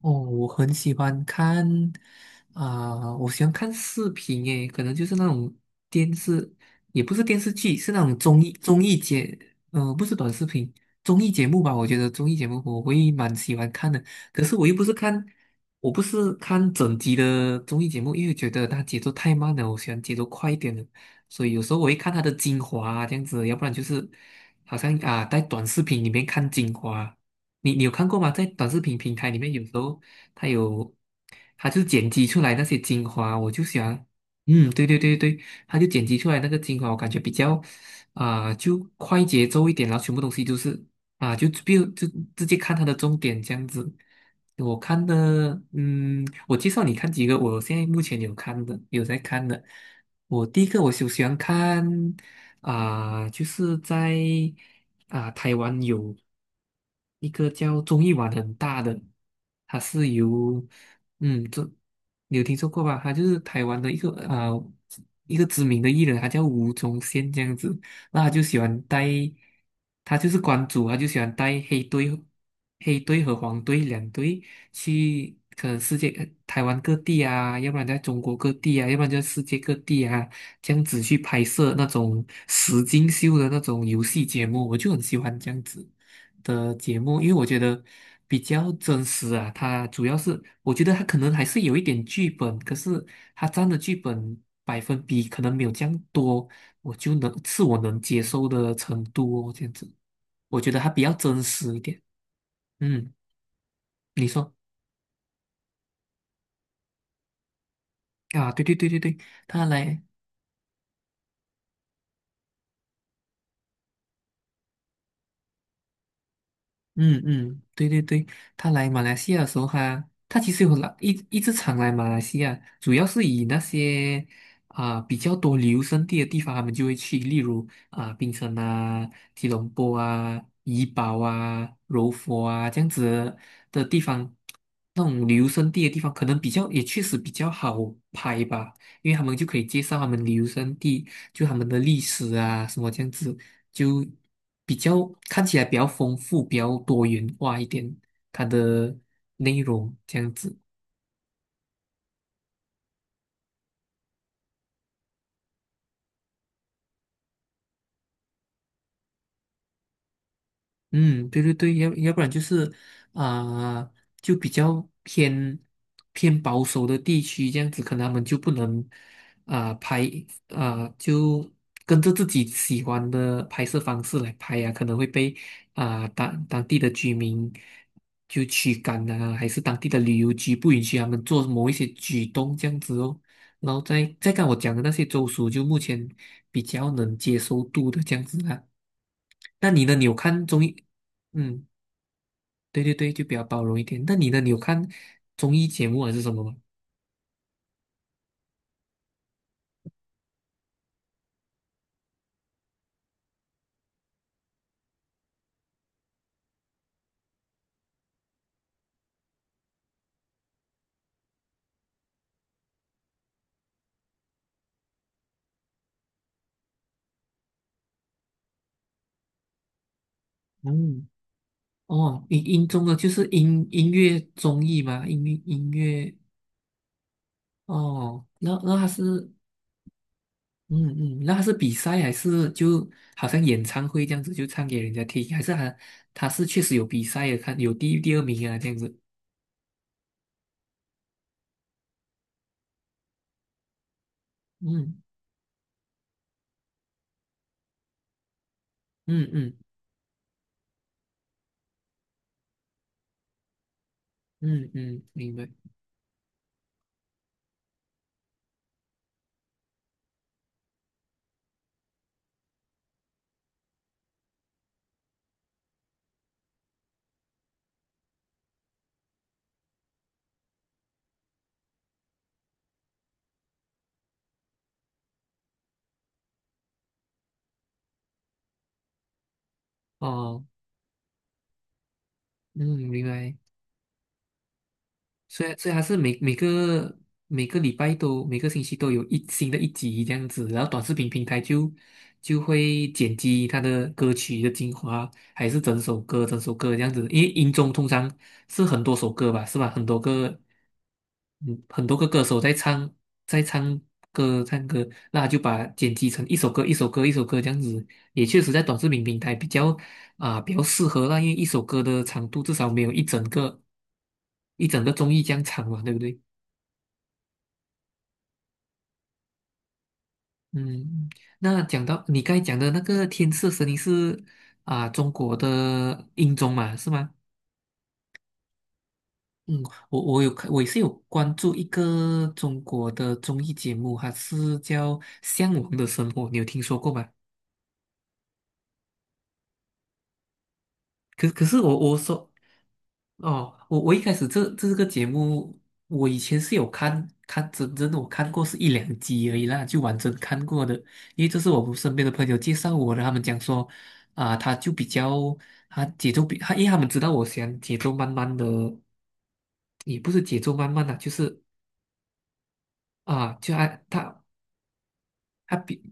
哦，我很喜欢看我喜欢看视频诶，可能就是那种电视，也不是电视剧，是那种综艺综艺节，不是短视频，综艺节目吧？我觉得综艺节目我会蛮喜欢看的，可是我不是看整集的综艺节目，因为觉得它节奏太慢了，我喜欢节奏快一点的。所以有时候我会看它的精华啊这样子，要不然就是好像在短视频里面看精华。你有看过吗？在短视频平台里面，有时候它有，它就剪辑出来那些精华，我就喜欢。嗯，对对对对，它就剪辑出来那个精华。我感觉比较，就快节奏一点，然后全部东西都是就比如直接看它的重点这样子。我看的，嗯，我介绍你看几个，我现在目前有看的，有在看的。我第一个我就喜欢看。啊、就是在啊、台湾有一个叫综艺玩很大的，它是由嗯，这你有听说过吧？他就是台湾的一个知名的艺人，他叫吴宗宪这样子。那他就喜欢带，他就是关主，他就喜欢带黑队和黄队两队去，可能台湾各地啊，要不然在中国各地啊，要不然就世界各地啊。这样子去拍摄那种实境秀的那种游戏节目，我就很喜欢这样子的节目，因为我觉得比较真实啊。它主要是我觉得它可能还是有一点剧本，可是它占的剧本百分比可能没有这样多，我能接受的程度哦。这样子，我觉得它比较真实一点。嗯，你说啊？对对对对对，他来。嗯嗯，对对对，他来马来西亚的时候他，他其实有来一直常来马来西亚，主要是以那些比较多旅游胜地的地方，他们就会去，例如啊、槟城啊、吉隆坡啊、怡保啊、柔佛啊这样子的地方，那种旅游胜地的地方，可能比较也确实比较好拍吧，因为他们就可以介绍他们旅游胜地，就他们的历史啊什么这样子。就比较看起来比较丰富、比较多元化一点，它的内容这样子。嗯，对对对，要不然就是啊、就比较偏保守的地区，这样子可能他们就不能啊、拍啊、就跟着自己喜欢的拍摄方式来拍呀、可能会被当地的居民就驱赶啊，还是当地的旅游局不允许他们做某一些举动这样子哦。然后再看我讲的那些州属，就目前比较能接受度的这样子啊。那你呢？你有看综艺？嗯，对对对，就比较包容一点。那你呢？你有看综艺节目还是什么吗？嗯，哦，音综啊，就是音乐综艺吗？音乐。哦，那他是嗯，那他是比赛还是就好像演唱会这样子，就唱给人家听，还是他是确实有比赛的，看有第一第二名啊这样子。嗯嗯嗯嗯嗯，明白。哦，嗯，明白。所以还是每个星期都有一新的一集这样子，然后短视频平台就会剪辑它的歌曲的精华，还是整首歌整首歌这样子？因为音综通常是很多首歌吧，是吧？很多个歌手在唱，在唱歌唱歌，那他就把剪辑成一首歌一首歌一首歌这样子，也确实在短视频平台比较适合。那因为一首歌的长度至少没有一整个综艺这样长嘛，对不对？嗯，那讲到你刚才讲的那个《天赐神音》是中国的音综嘛，是吗？嗯，我有看，我也是有关注一个中国的综艺节目，它是叫《向往的生活》，你有听说过吗？可是我说哦，我一开始这个节目，我以前是有看看真正的，我看过是一两集而已啦，就完整看过的，因为这是我们身边的朋友介绍我的。他们讲说啊、他就比较他节奏比他，因为他们知道我喜欢节奏慢慢的，也不是节奏慢慢的，就是就爱他。他比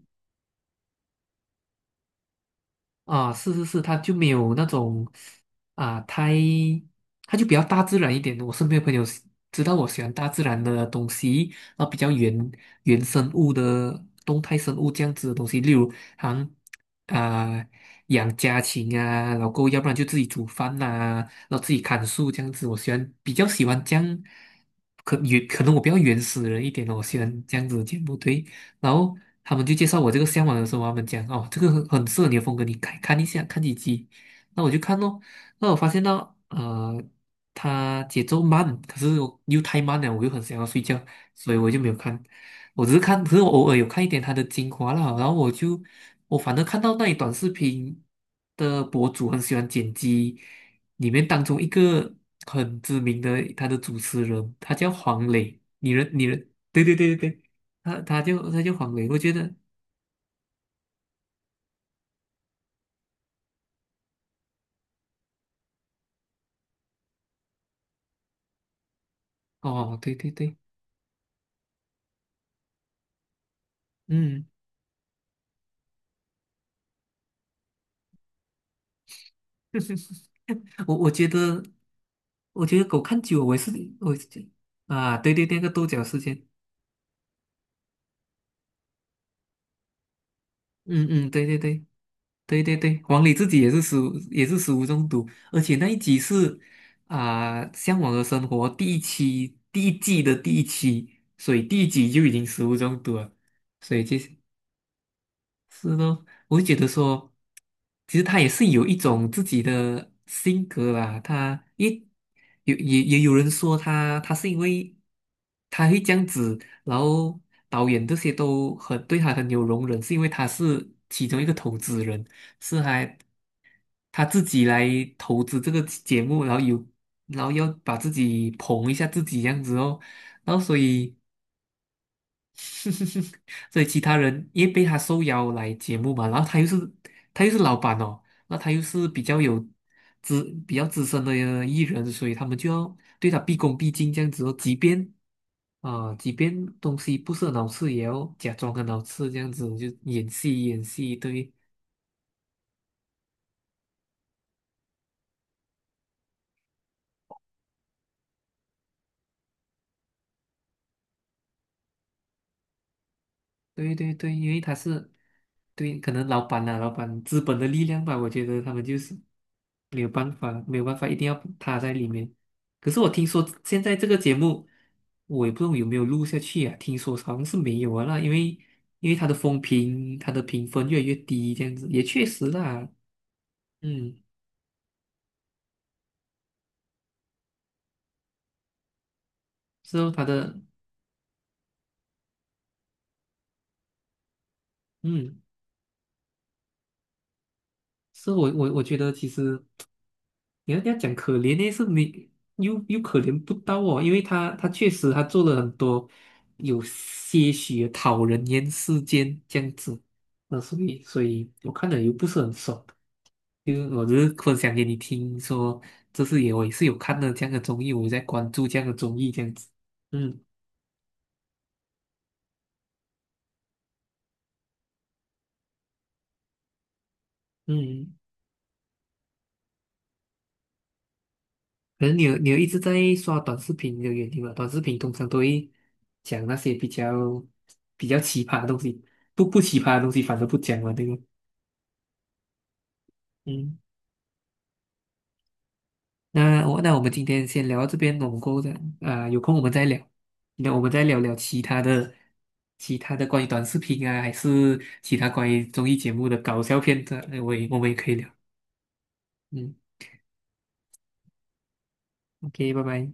啊，是是是，他就没有那种啊，太，他就比较大自然一点。我身边的朋友知道我喜欢大自然的东西，然后比较原生物的动态生物这样子的东西，例如好像啊养家禽啊，然后要不然就自己煮饭呐、然后自己砍树这样子。我喜欢比较喜欢这样，可能我比较原始人一点哦，我喜欢这样子的节目。对。然后他们就介绍我这个向往的时候，他们讲哦，这个很很适合你的风格，你看看一下，看几集。那我就看咯，那我发现到它节奏慢，可是我又太慢了，我又很想要睡觉，所以我就没有看。我只是看，可是我偶尔有看一点它的精华啦，然后我就我反正看到那一短视频的博主很喜欢剪辑，里面当中一个很知名的他的主持人，他叫黄磊，你认你认，对对对对，他就黄磊，我觉得。哦，对对对，嗯，我我觉得我觉得狗看久了，我也是我对对，那个豆角事件。嗯嗯，对对对对对对，黄磊自己也是食物中毒，而且那一集是啊，向往的生活第一期第一季的第一期，所以第一集就已经食物中毒了，所以就是咯，我就觉得说，其实他也是有一种自己的性格啦。他也有也有人说他，他是因为他会这样子，然后导演这些都很对他很有容忍，是因为他是其中一个投资人，是还他自己来投资这个节目，然后有然后要把自己捧一下自己这样子哦，然后所以。所以其他人也被他受邀来节目嘛，然后他又是老板哦，那他又是比较资深的艺人，所以他们就要对他毕恭毕敬这样子哦，即便即便东西不是很好吃，也要假装很好吃这样子，就演戏演戏。对，对对对，因为他是对，可能老板啊，老板资本的力量吧，我觉得他们就是没有办法，没有办法，一定要他在里面。可是我听说现在这个节目，我也不知道有没有录下去啊，听说好像是没有啊。那因为他的风评，他的评分越来越低，这样子也确实啦。嗯，是哦，他的，嗯，是我觉得其实。你要这样讲可怜呢，是没又可怜不到哦，因为他确实他做了很多有些许的讨人厌事件这样子。那所以我看了又不是很爽，就是我只是分享给你听说，这次也我也是有看了这样的综艺，我有在关注这样的综艺这样子。嗯嗯，可能你有一直在刷短视频的原因吧，短视频通常都会讲那些比较奇葩的东西。不奇葩的东西反而不讲了，对吧？嗯，那我们今天先聊到这边，我们过后再有空我们再聊，那我们再聊聊其他的，关于短视频啊，还是其他关于综艺节目的搞笑片段，哎我们也可以聊。嗯，OK，拜拜。